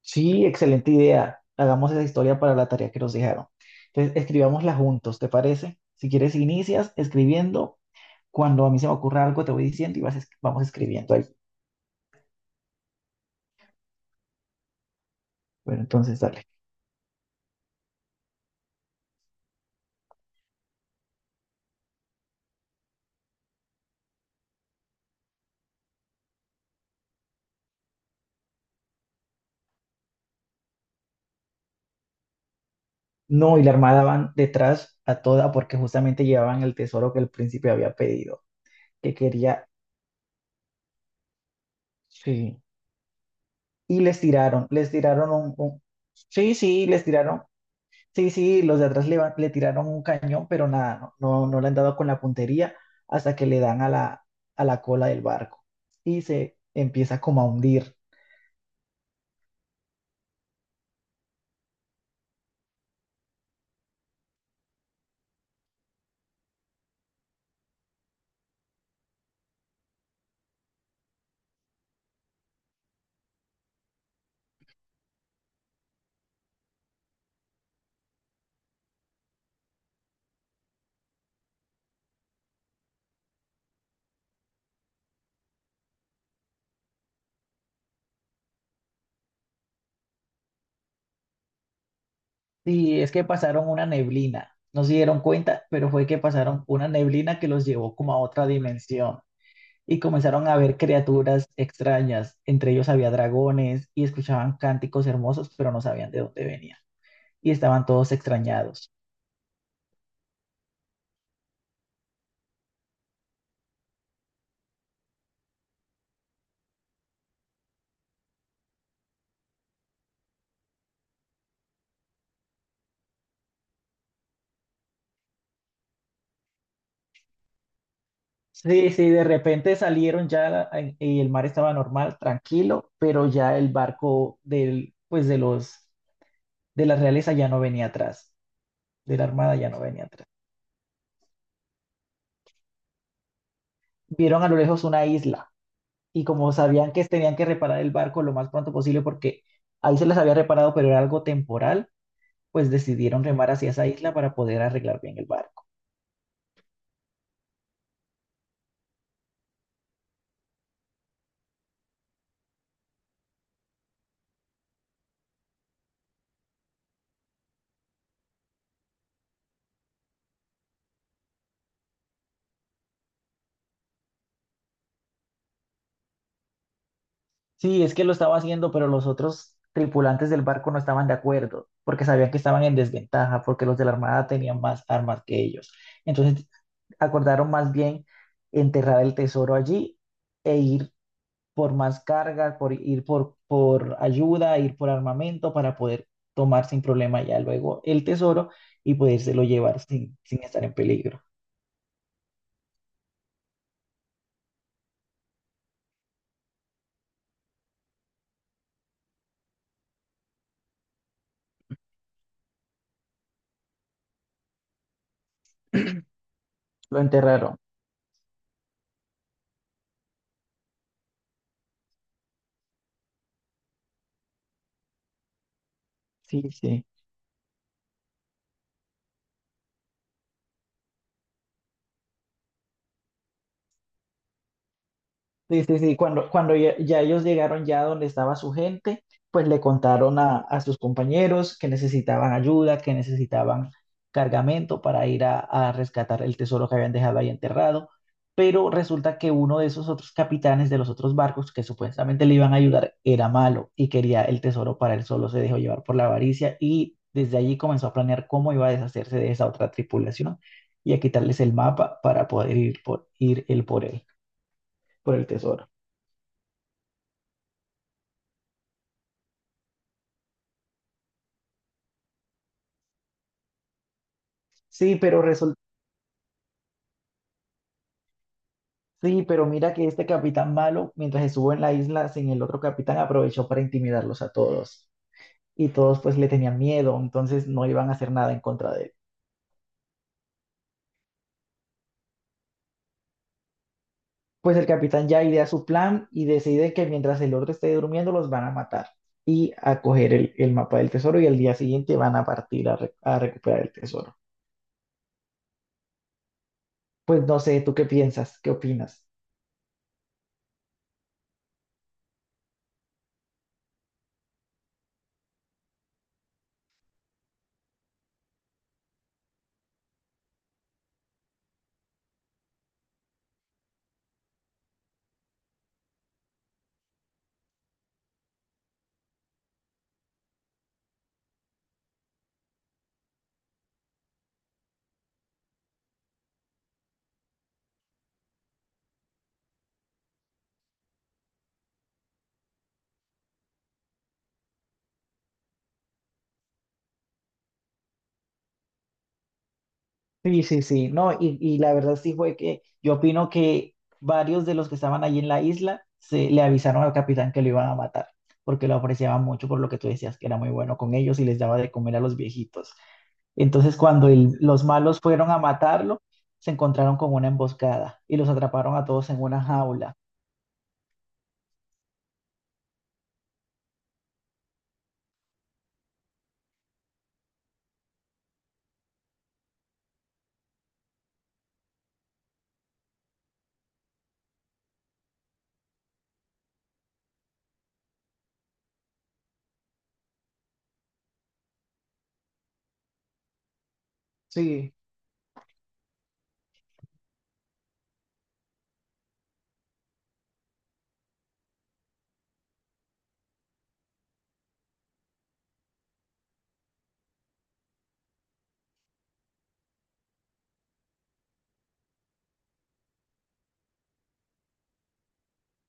Sí, excelente idea. Hagamos esa historia para la tarea que nos dejaron. Entonces, escribámosla juntos, ¿te parece? Si quieres, inicias escribiendo. Cuando a mí se me ocurra algo, te voy diciendo y vas, vamos escribiendo ahí. Bueno, entonces dale. No, y la armada van detrás a toda porque justamente llevaban el tesoro que el príncipe había pedido, que quería. Sí. Y les tiraron, les tiraron. Sí, sí, les tiraron. Sí, sí, los de atrás le tiraron un cañón, pero nada, no le han dado con la puntería hasta que le dan a la cola del barco y se empieza como a hundir. Y es que pasaron una neblina, no se dieron cuenta, pero fue que pasaron una neblina que los llevó como a otra dimensión y comenzaron a ver criaturas extrañas, entre ellos había dragones y escuchaban cánticos hermosos, pero no sabían de dónde venían y estaban todos extrañados. Sí, sí, de repente salieron y el mar estaba normal, tranquilo, pero ya el barco del, pues de los, de la realeza ya no venía atrás, de la armada ya no venía atrás. Vieron a lo lejos una isla y como sabían que tenían que reparar el barco lo más pronto posible porque ahí se les había reparado, pero era algo temporal, pues decidieron remar hacia esa isla para poder arreglar bien el barco. Sí, es que lo estaba haciendo, pero los otros tripulantes del barco no estaban de acuerdo, porque sabían que estaban en desventaja, porque los de la Armada tenían más armas que ellos. Entonces acordaron más bien enterrar el tesoro allí e ir por más carga, por ayuda, ir por armamento para poder tomar sin problema ya luego el tesoro y podérselo llevar sin, sin estar en peligro. Lo enterraron. Sí, sí. Sí, sí, sí, cuando ya, ya ellos llegaron ya donde estaba su gente, pues le contaron a sus compañeros que necesitaban ayuda, que necesitaban cargamento para ir a rescatar el tesoro que habían dejado ahí enterrado, pero resulta que uno de esos otros capitanes de los otros barcos que supuestamente le iban a ayudar era malo y quería el tesoro para él solo, se dejó llevar por la avaricia y desde allí comenzó a planear cómo iba a deshacerse de esa otra tripulación y a quitarles el mapa para poder ir él por él, por el tesoro. Sí, sí, pero mira que este capitán malo, mientras estuvo en la isla sin el otro capitán, aprovechó para intimidarlos a todos. Y todos pues le tenían miedo, entonces no iban a hacer nada en contra de él. Pues el capitán ya idea su plan y decide que mientras el otro esté durmiendo los van a matar y a coger el mapa del tesoro y al día siguiente van a partir a recuperar el tesoro. Pues no sé, ¿tú qué piensas? ¿Qué opinas? Sí, sí, sí, no, y la verdad sí fue que yo opino que varios de los que estaban allí en la isla se le avisaron al capitán que lo iban a matar, porque lo apreciaban mucho por lo que tú decías, que era muy bueno con ellos y les daba de comer a los viejitos. Entonces, cuando los malos fueron a matarlo, se encontraron con una emboscada y los atraparon a todos en una jaula. Sí,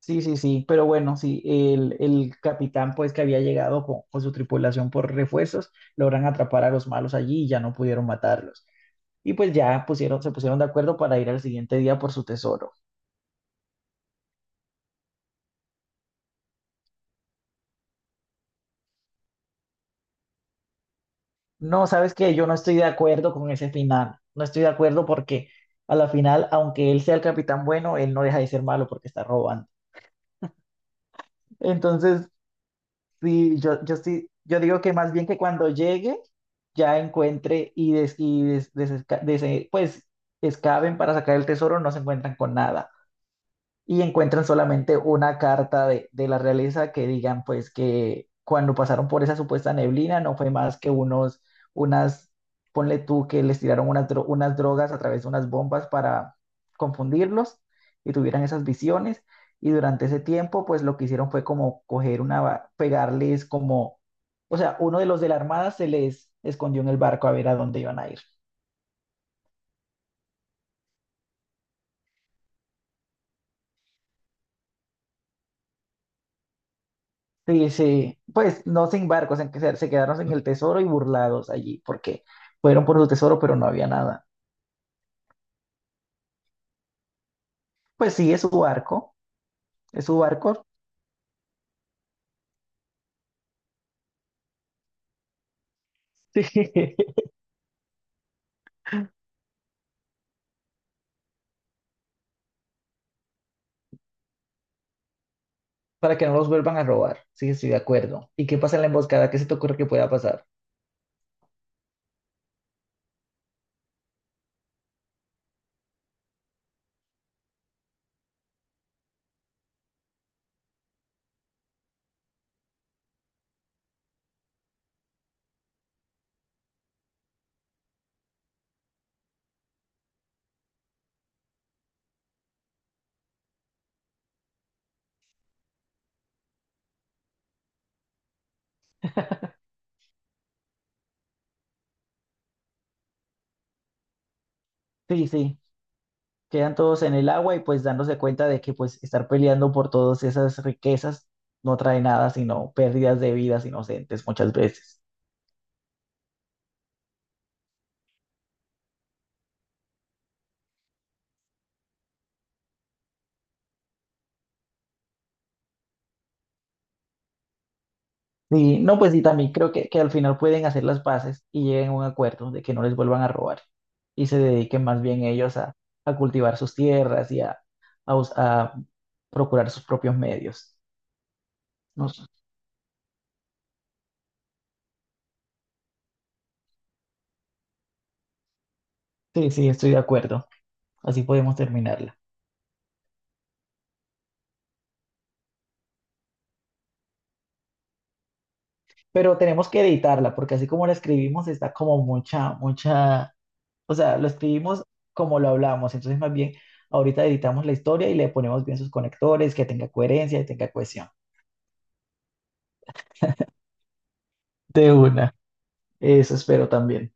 sí, pero bueno, sí, el capitán pues que había llegado con su tripulación por refuerzos, logran atrapar a los malos allí y ya no pudieron matarlos. Y pues ya pusieron, se pusieron de acuerdo para ir al siguiente día por su tesoro. No, ¿sabes qué? Yo no estoy de acuerdo con ese final. No estoy de acuerdo porque a la final, aunque él sea el capitán bueno, él no deja de ser malo porque está robando. Entonces, sí, yo sí, yo digo que más bien que cuando llegue, ya encuentre pues excaven para sacar el tesoro, no se encuentran con nada. Y encuentran solamente una carta de la realeza que digan pues que cuando pasaron por esa supuesta neblina no fue más que unos, unas, ponle tú que les tiraron unas drogas a través de unas bombas para confundirlos y tuvieran esas visiones. Y durante ese tiempo, pues lo que hicieron fue como coger pegarles como, o sea, uno de los de la armada se les escondió en el barco a ver a dónde iban a ir. Sí, sí, pues no sin barcos, se quedaron sin el tesoro y burlados allí, porque fueron por su tesoro, pero no había nada. Pues sí, es su barco, sí, para que no los vuelvan a robar, sí, estoy de acuerdo. ¿Y qué pasa en la emboscada? ¿Qué se te ocurre que pueda pasar? Sí, sí, quedan todos en el agua y pues dándose cuenta de que pues estar peleando por todas esas riquezas no trae nada, sino pérdidas de vidas inocentes muchas veces. Sí, no, pues sí, también creo que al final pueden hacer las paces y lleguen a un acuerdo de que no les vuelvan a robar y se dediquen más bien ellos a cultivar sus tierras y a procurar sus propios medios. No sé. Sí, sí, estoy de acuerdo. Así podemos terminarla. Pero tenemos que editarla porque así como la escribimos está como mucha, mucha, o sea, lo escribimos como lo hablamos. Entonces más bien ahorita editamos la historia y le ponemos bien sus conectores, que tenga coherencia y tenga cohesión. De una. Eso espero también.